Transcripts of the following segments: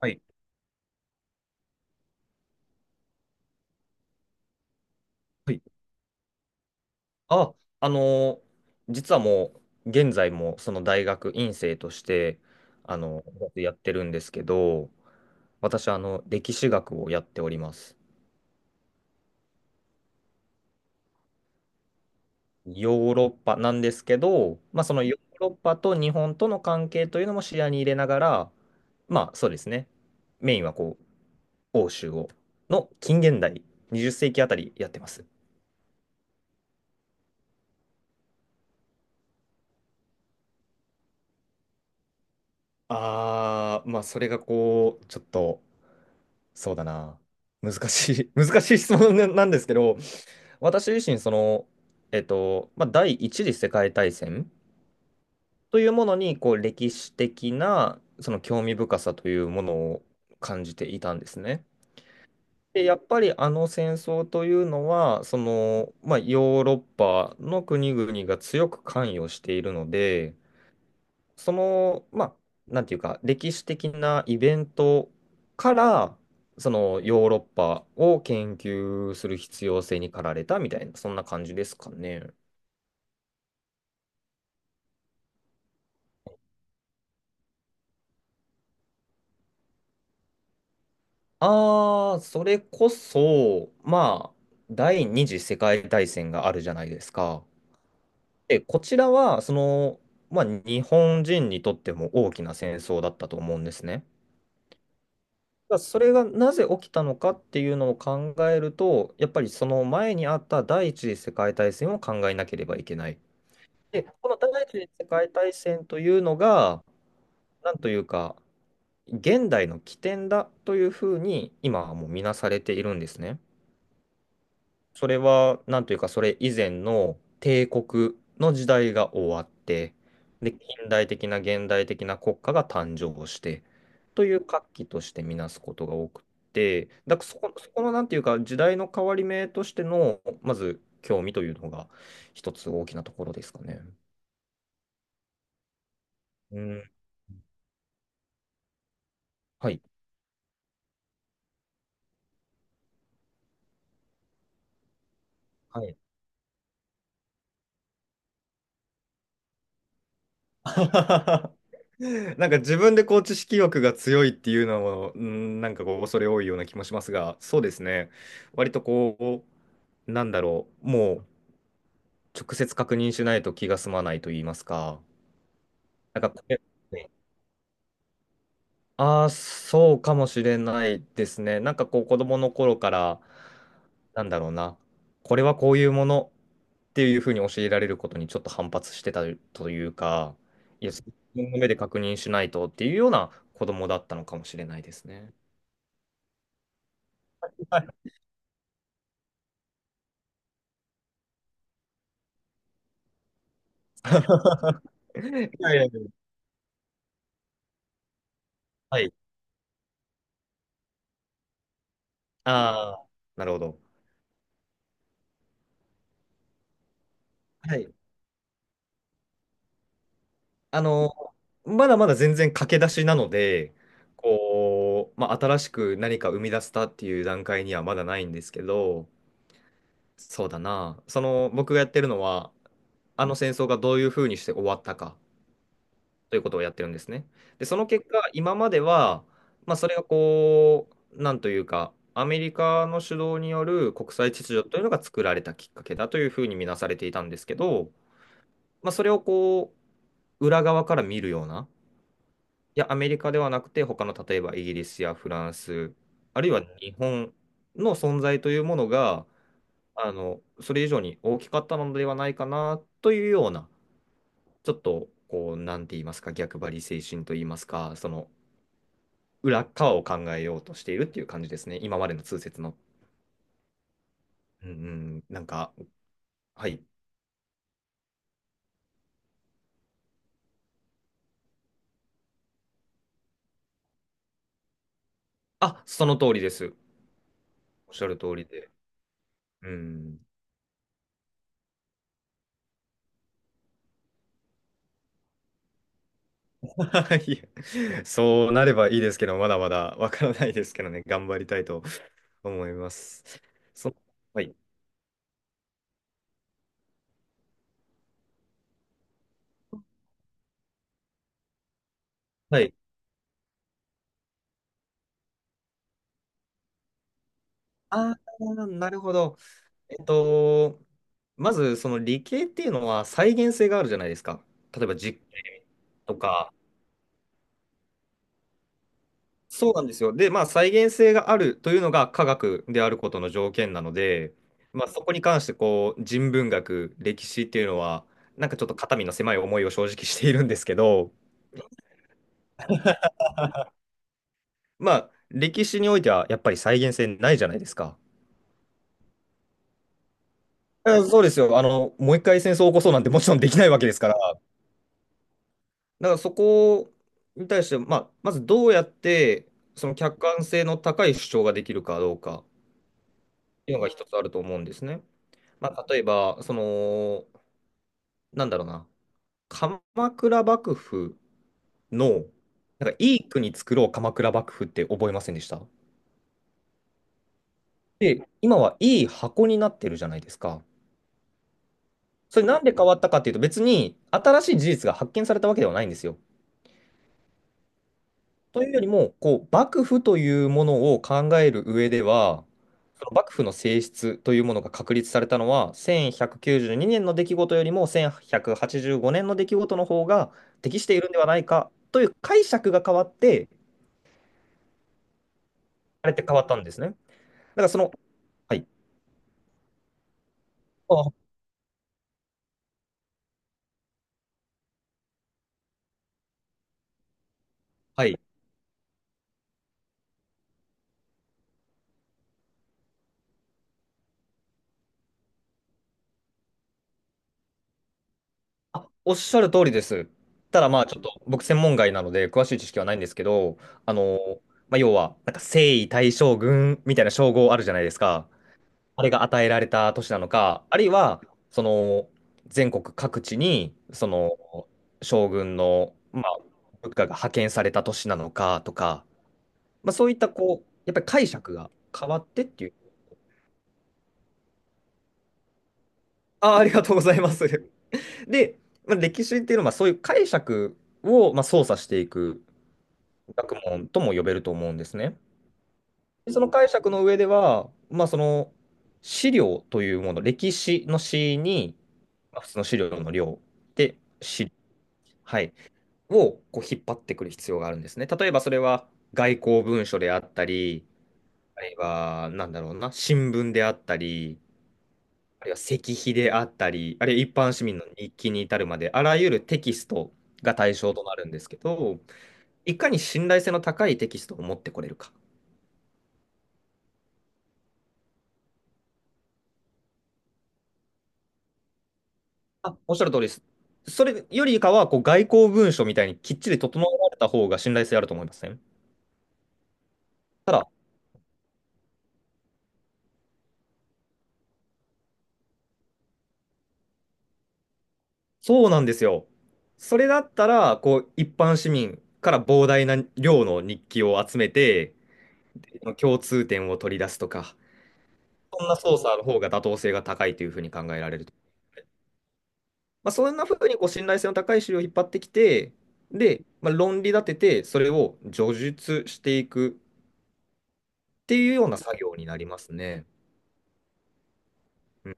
はい。はい。あ、あのー実はもう、現在もその大学院生として、あのやってるんですけど、私は歴史学をやっております。ヨーロッパなんですけど、まあ、そのヨーロッパと日本との関係というのも視野に入れながら、まあ、そうですね。メインはこう、欧州を、の近現代、20世紀あたりやってます。ああ、まあ、それがこう、ちょっと、そうだな。難しい、難しい質問なんですけど、私自身、その、まあ、第一次世界大戦というものに、こう、歴史的な、その興味深さというものを感じていたんですね。で、やっぱりあの戦争というのは、その、まあ、ヨーロッパの国々が強く関与しているので、その、まあ、なんていうか、歴史的なイベントから、そのヨーロッパを研究する必要性に駆られたみたいな、そんな感じですかね。ああ、それこそ、まあ、第二次世界大戦があるじゃないですか。で、こちらは、その、まあ、日本人にとっても大きな戦争だったと思うんですね。だそれがなぜ起きたのかっていうのを考えると、やっぱりその前にあった第一次世界大戦を考えなければいけない。で、この第一次世界大戦というのが、なんというか、現代の起点だというふうに今はもう見なされているんですね。それは、なんというか、それ以前の帝国の時代が終わって、で、近代的な現代的な国家が誕生して、という活気としてみなすことが多くて、だからそこの、なんていうか、時代の変わり目としての、まず、興味というのが、一つ大きなところですかね。うん。はい。はい。なんか自分でこう知識欲が強いっていうのも、うん、なんかこう恐れ多いような気もしますが、そうですね。割となんだろう、もう直接確認しないと気が済まないと言いますか。なんかこれ、ああ、そうかもしれないですね。なんかこう子供の頃から、なんだろうな、これはこういうものっていうふうに教えられることにちょっと反発してたというか、いや、自分の目で確認しないとっていうような子供だったのかもしれないですね。はい いやいやいやはい。ああ、なるほど。はいあの、まだまだ全然駆け出しなので、こう、まあ、新しく何か生み出したっていう段階にはまだないんですけど、そうだな、その僕がやってるのは、あの戦争がどういうふうにして終わったかということをやってるんですね。で、その結果、今までは、まあ、それがこう、なんというか、アメリカの主導による国際秩序というのが作られたきっかけだというふうに見なされていたんですけど、まあ、それをこう、裏側から見るような、いや、アメリカではなくて、他の例えばイギリスやフランス、あるいは日本の存在というものが、それ以上に大きかったのではないかなというような、ちょっと、こう、なんて言いますか、逆張り精神と言いますか、その裏側を考えようとしているっていう感じですね、今までの通説の。うんうん、なんか、はい。あ、その通りです。おっしゃる通りで。うん いやそうなればいいですけど、まだまだわからないですけどね、頑張りたいと思います。そ、はい。はい。ああ、なるほど。えっと、まず、その理系っていうのは再現性があるじゃないですか。例えば実験とか。そうなんですよ。で、まあ、再現性があるというのが科学であることの条件なので、まあ、そこに関して、こう、人文学、歴史っていうのは、なんかちょっと肩身の狭い思いを正直しているんですけど、まあ、歴史においてはやっぱり再現性ないじゃないですか。あそうですよ。もう一回戦争を起こそうなんてもちろんできないわけですから。だからそこに対して、まあ、まずどうやって、その客観性の高い主張ができるかどうかっていうのが一つあると思うんですね。まあ、例えば、その、なんだろうな、鎌倉幕府の、なんかいい国作ろう鎌倉幕府って覚えませんでしたで、今はいい箱になってるじゃないですか。それなんで変わったかっていうと、別に新しい事実が発見されたわけではないんですよ。というよりも、こう、幕府というものを考える上では、その幕府の性質というものが確立されたのは、1192年の出来事よりも1185年の出来事の方が適しているんではないかという解釈が変わって、あれって変わったんですね。だからその、はい。あ、はい。あ、おっしゃる通りです。ただまあちょっと僕専門外なので詳しい知識はないんですけど、あの、まあ、要はなんか征夷大将軍みたいな称号あるじゃないですか。あれが与えられた都市なのか、あるいはその全国各地にその将軍の、まあ、部下が派遣された都市なのかとか、まあ、そういったこう、やっぱり解釈が変わってっていう。あ、ありがとうございます。で、まあ、歴史っていうのはまあそういう解釈をまあ操作していく。学問とも呼べると思うんですね。でその解釈の上では、まあ、その資料というもの、歴史の史に、まあ、普通の資料の量で、史、はい、をこう引っ張ってくる必要があるんですね。例えばそれは外交文書であったり、あるいは、なんだろうな、新聞であったり、あるいは石碑であったり、あるいは一般市民の日記に至るまで、あらゆるテキストが対象となるんですけど、いかに信頼性の高いテキストを持ってこれるか。あ、おっしゃる通りです。それよりかは、こう、外交文書みたいにきっちり整えられた方が信頼性あると思いますね。ただ、そうなんですよ。それだったら、こう、一般市民から膨大な量の日記を集めて、共通点を取り出すとか、そんな操作の方が妥当性が高いというふうに考えられると。まあ、そんなふうにこう信頼性の高い資料を引っ張ってきて、で、まあ、論理立てて、それを叙述していくっていうような作業になりますね。うん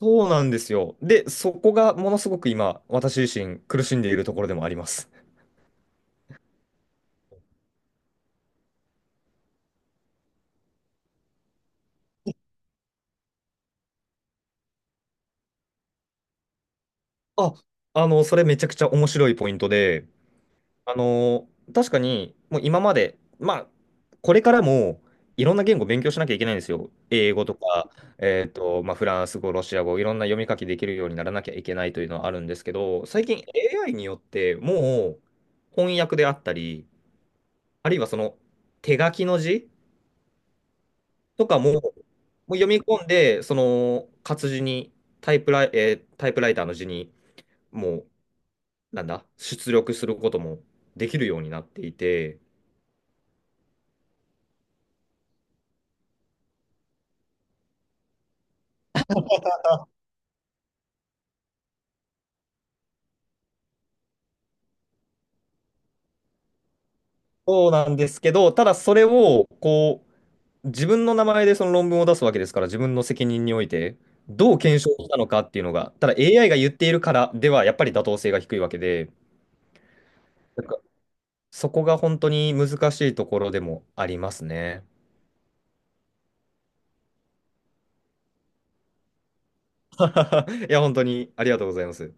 そうなんですよ。で、そこがものすごく今、私自身苦しんでいるところでもあります。あ、それめちゃくちゃ面白いポイントで、あの、確かに、もう今まで、まあ、これからもいろんな言語勉強しなきゃいけないんですよ。英語とか、まあ、フランス語、ロシア語、いろんな読み書きできるようにならなきゃいけないというのはあるんですけど、最近 AI によってもう翻訳であったり、あるいはその手書きの字とかも、もう読み込んで、その活字にタイプライターの字に、もう、なんだ、出力することもできるようになっていて、そうなんですけど、ただそれを、こう、自分の名前でその論文を出すわけですから、自分の責任において、どう検証したのかっていうのが、ただ AI が言っているからでは、やっぱり妥当性が低いわけで、なんかそこが本当に難しいところでもありますね。いや、本当にありがとうございます。